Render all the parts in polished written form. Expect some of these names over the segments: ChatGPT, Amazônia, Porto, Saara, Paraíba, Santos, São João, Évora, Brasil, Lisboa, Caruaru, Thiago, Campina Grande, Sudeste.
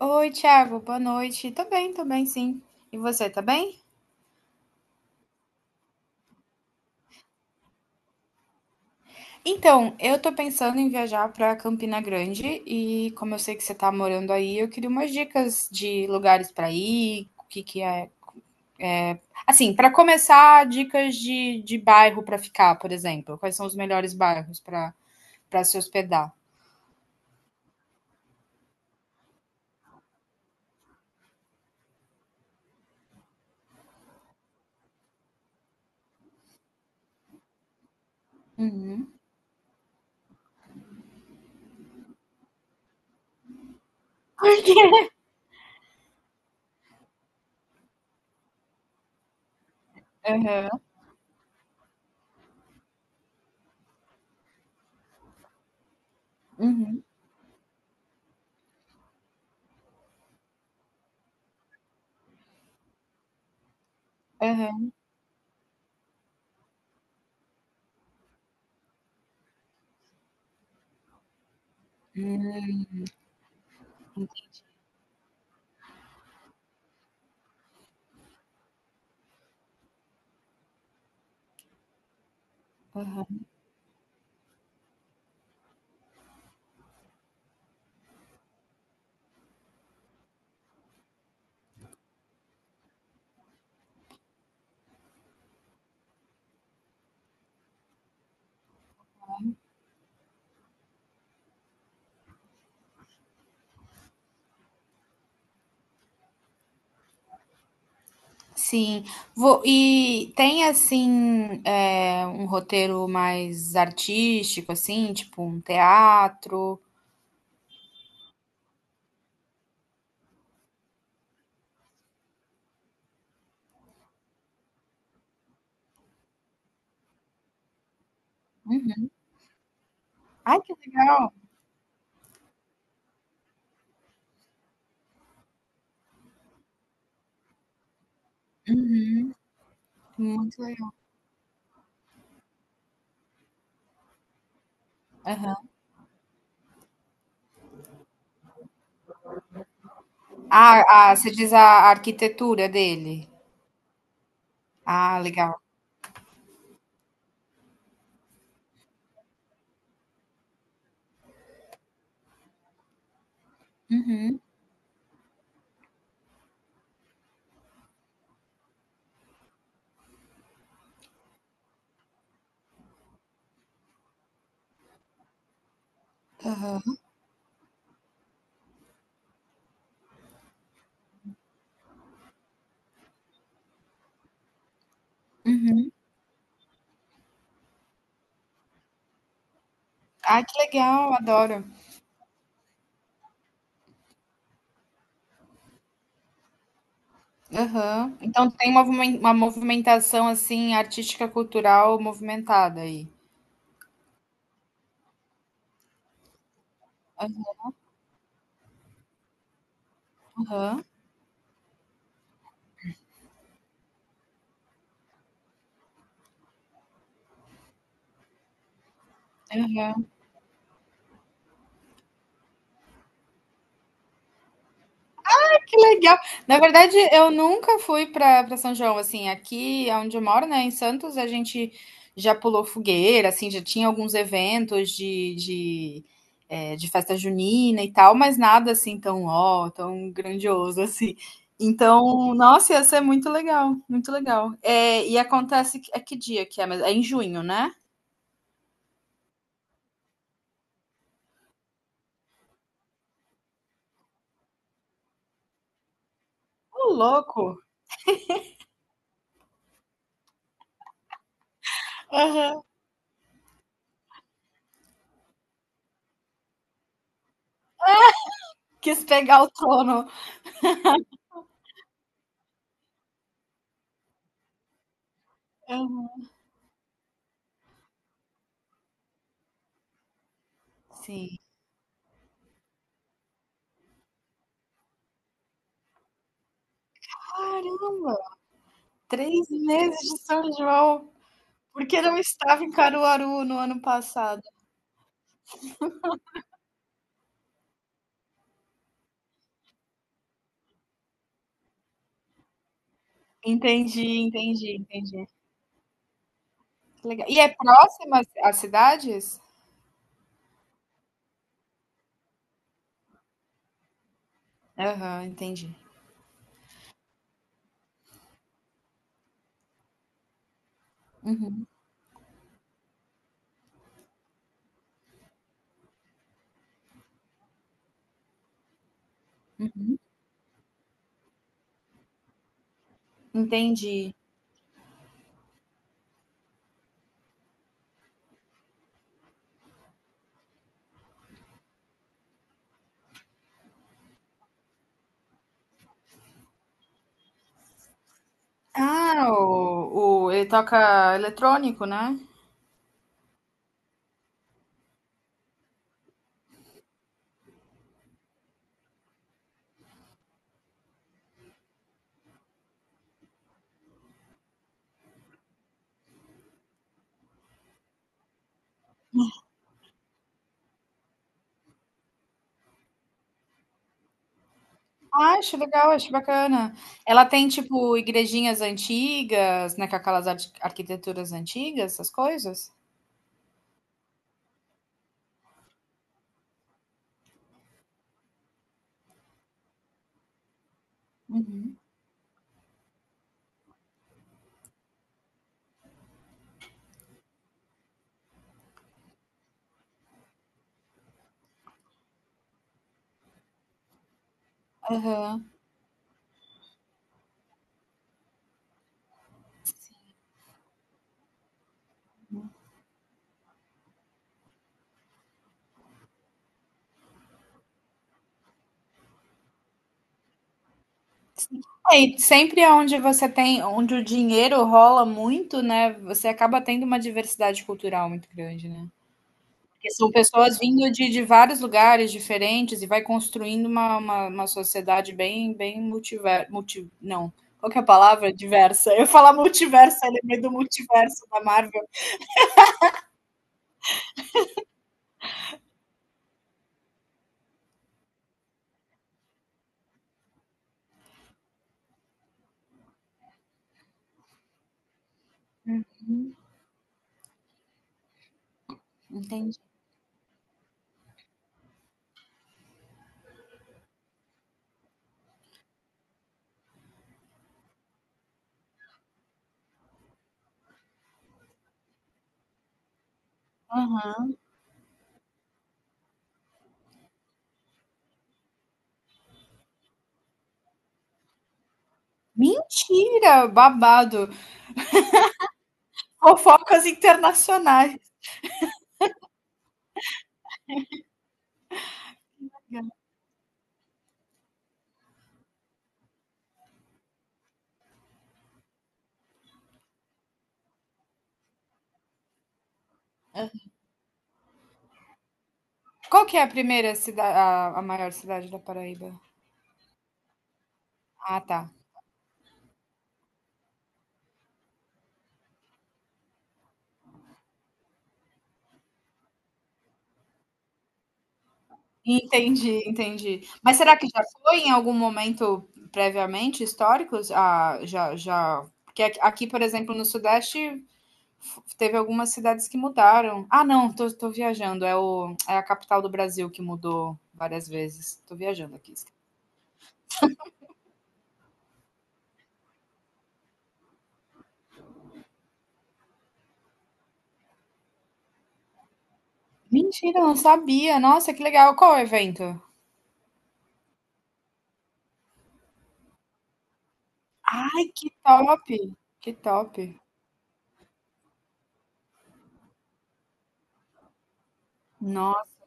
Oi, Thiago, boa noite. Tô bem, sim. E você, tá bem? Então, eu tô pensando em viajar pra Campina Grande e como eu sei que você tá morando aí, eu queria umas dicas de lugares pra ir, o que que é. Assim, pra começar, dicas de bairro pra ficar, por exemplo. Quais são os melhores bairros pra para se hospedar? Uhum. Por quê? Aham. Uhum. Aham. Hum, sim, e tem assim um roteiro mais artístico, assim, tipo um teatro. Uhum. Ai, que legal! Muito legal. Aham. Ah, você diz a arquitetura dele. Ah, legal. Uhum. Aham. Uhum. Ai, que legal, adoro. Aham. Então tem uma, uma movimentação assim, artística, cultural movimentada aí. Aham. Aham. Que legal. Na verdade, eu nunca fui para São João, assim, aqui aonde eu moro, né, em Santos, a gente já pulou fogueira, assim, já tinha alguns eventos de festa junina e tal, mas nada assim tão, ó, tão grandioso assim. Então, nossa, ia ser muito legal, muito legal. É e é que dia que é mesmo? É em junho, né? Ô louco! Aham. Quis pegar o trono. Aham. Sim. Caramba, três meses de São João. Porque não estava em Caruaru no ano passado. Entendi, entendi, entendi. Que legal. E é próxima às cidades? Aham, entendi. Uhum, entendi. Ah, ele toca eletrônico, né? Ah, acho legal, acho bacana. Ela tem, tipo, igrejinhas antigas, né? Com aquelas arquiteturas antigas, essas coisas? Uhum. Aham. É, e sempre é onde você tem, onde o dinheiro rola muito, né? Você acaba tendo uma diversidade cultural muito grande, né? Porque são pessoas vindo de vários lugares diferentes e vai construindo uma sociedade bem, bem multiver, multi, não, qual que é a palavra? Diversa. Eu ia falar multiverso, eu lembrei do multiverso da Marvel. Entendi. Aham. Mentira, babado. Fofocas internacionais. Qual que é a primeira cidade, a maior cidade da Paraíba? Ah, tá. Entendi, entendi. Mas será que já foi em algum momento previamente históricos? Ah, já porque aqui, por exemplo, no Sudeste f teve algumas cidades que mudaram. Ah, não, tô viajando, é o é a capital do Brasil que mudou várias vezes. Tô viajando aqui. Mentira, não sabia. Nossa, que legal. Qual é o evento? Ai, que top, que top. Nossa,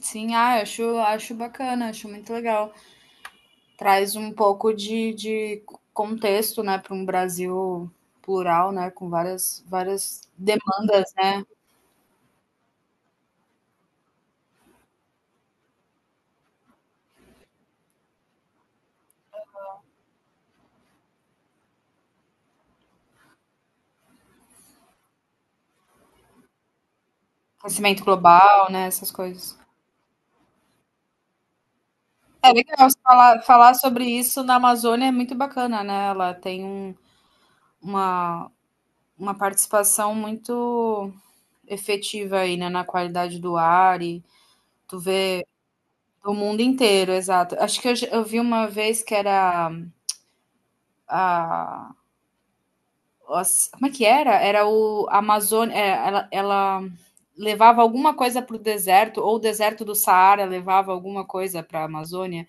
sim, ah, acho bacana, acho muito legal. Traz um pouco de contexto, né, para um Brasil plural, né, com várias, várias demandas, né, aquecimento global, né, essas coisas. É legal falar, falar sobre isso na Amazônia é muito bacana, né? Ela tem um, uma, uma participação muito efetiva aí, né, na qualidade do ar e tu vê o mundo inteiro, exato. Acho que eu vi uma vez que era a como é que era? Era o Amazônia, é, ela levava alguma coisa para o deserto, ou o deserto do Saara levava alguma coisa para a Amazônia.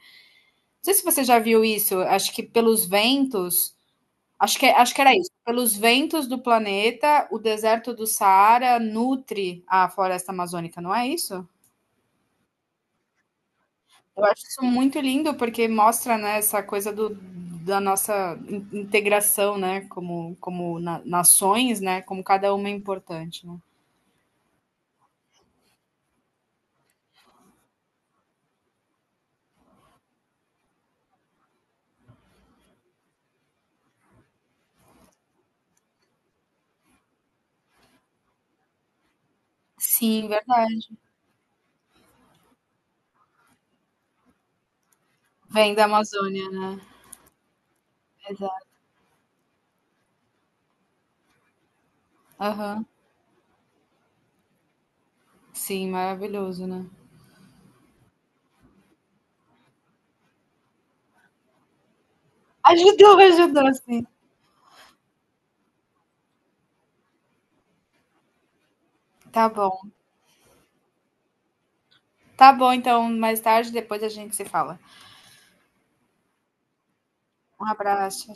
Não sei se você já viu isso, acho que pelos ventos, acho que era isso, pelos ventos do planeta, o deserto do Saara nutre a floresta amazônica, não é isso? Eu acho isso muito lindo, porque mostra, né, essa coisa do, da nossa integração, né, como, nações, né, como cada uma é importante, né? Sim, verdade. Vem da Amazônia, né. Exato. Aham. Sim, maravilhoso, né. Ajudou, ajudou sim. Tá bom. Tá bom então, mais tarde depois a gente se fala. Um abraço,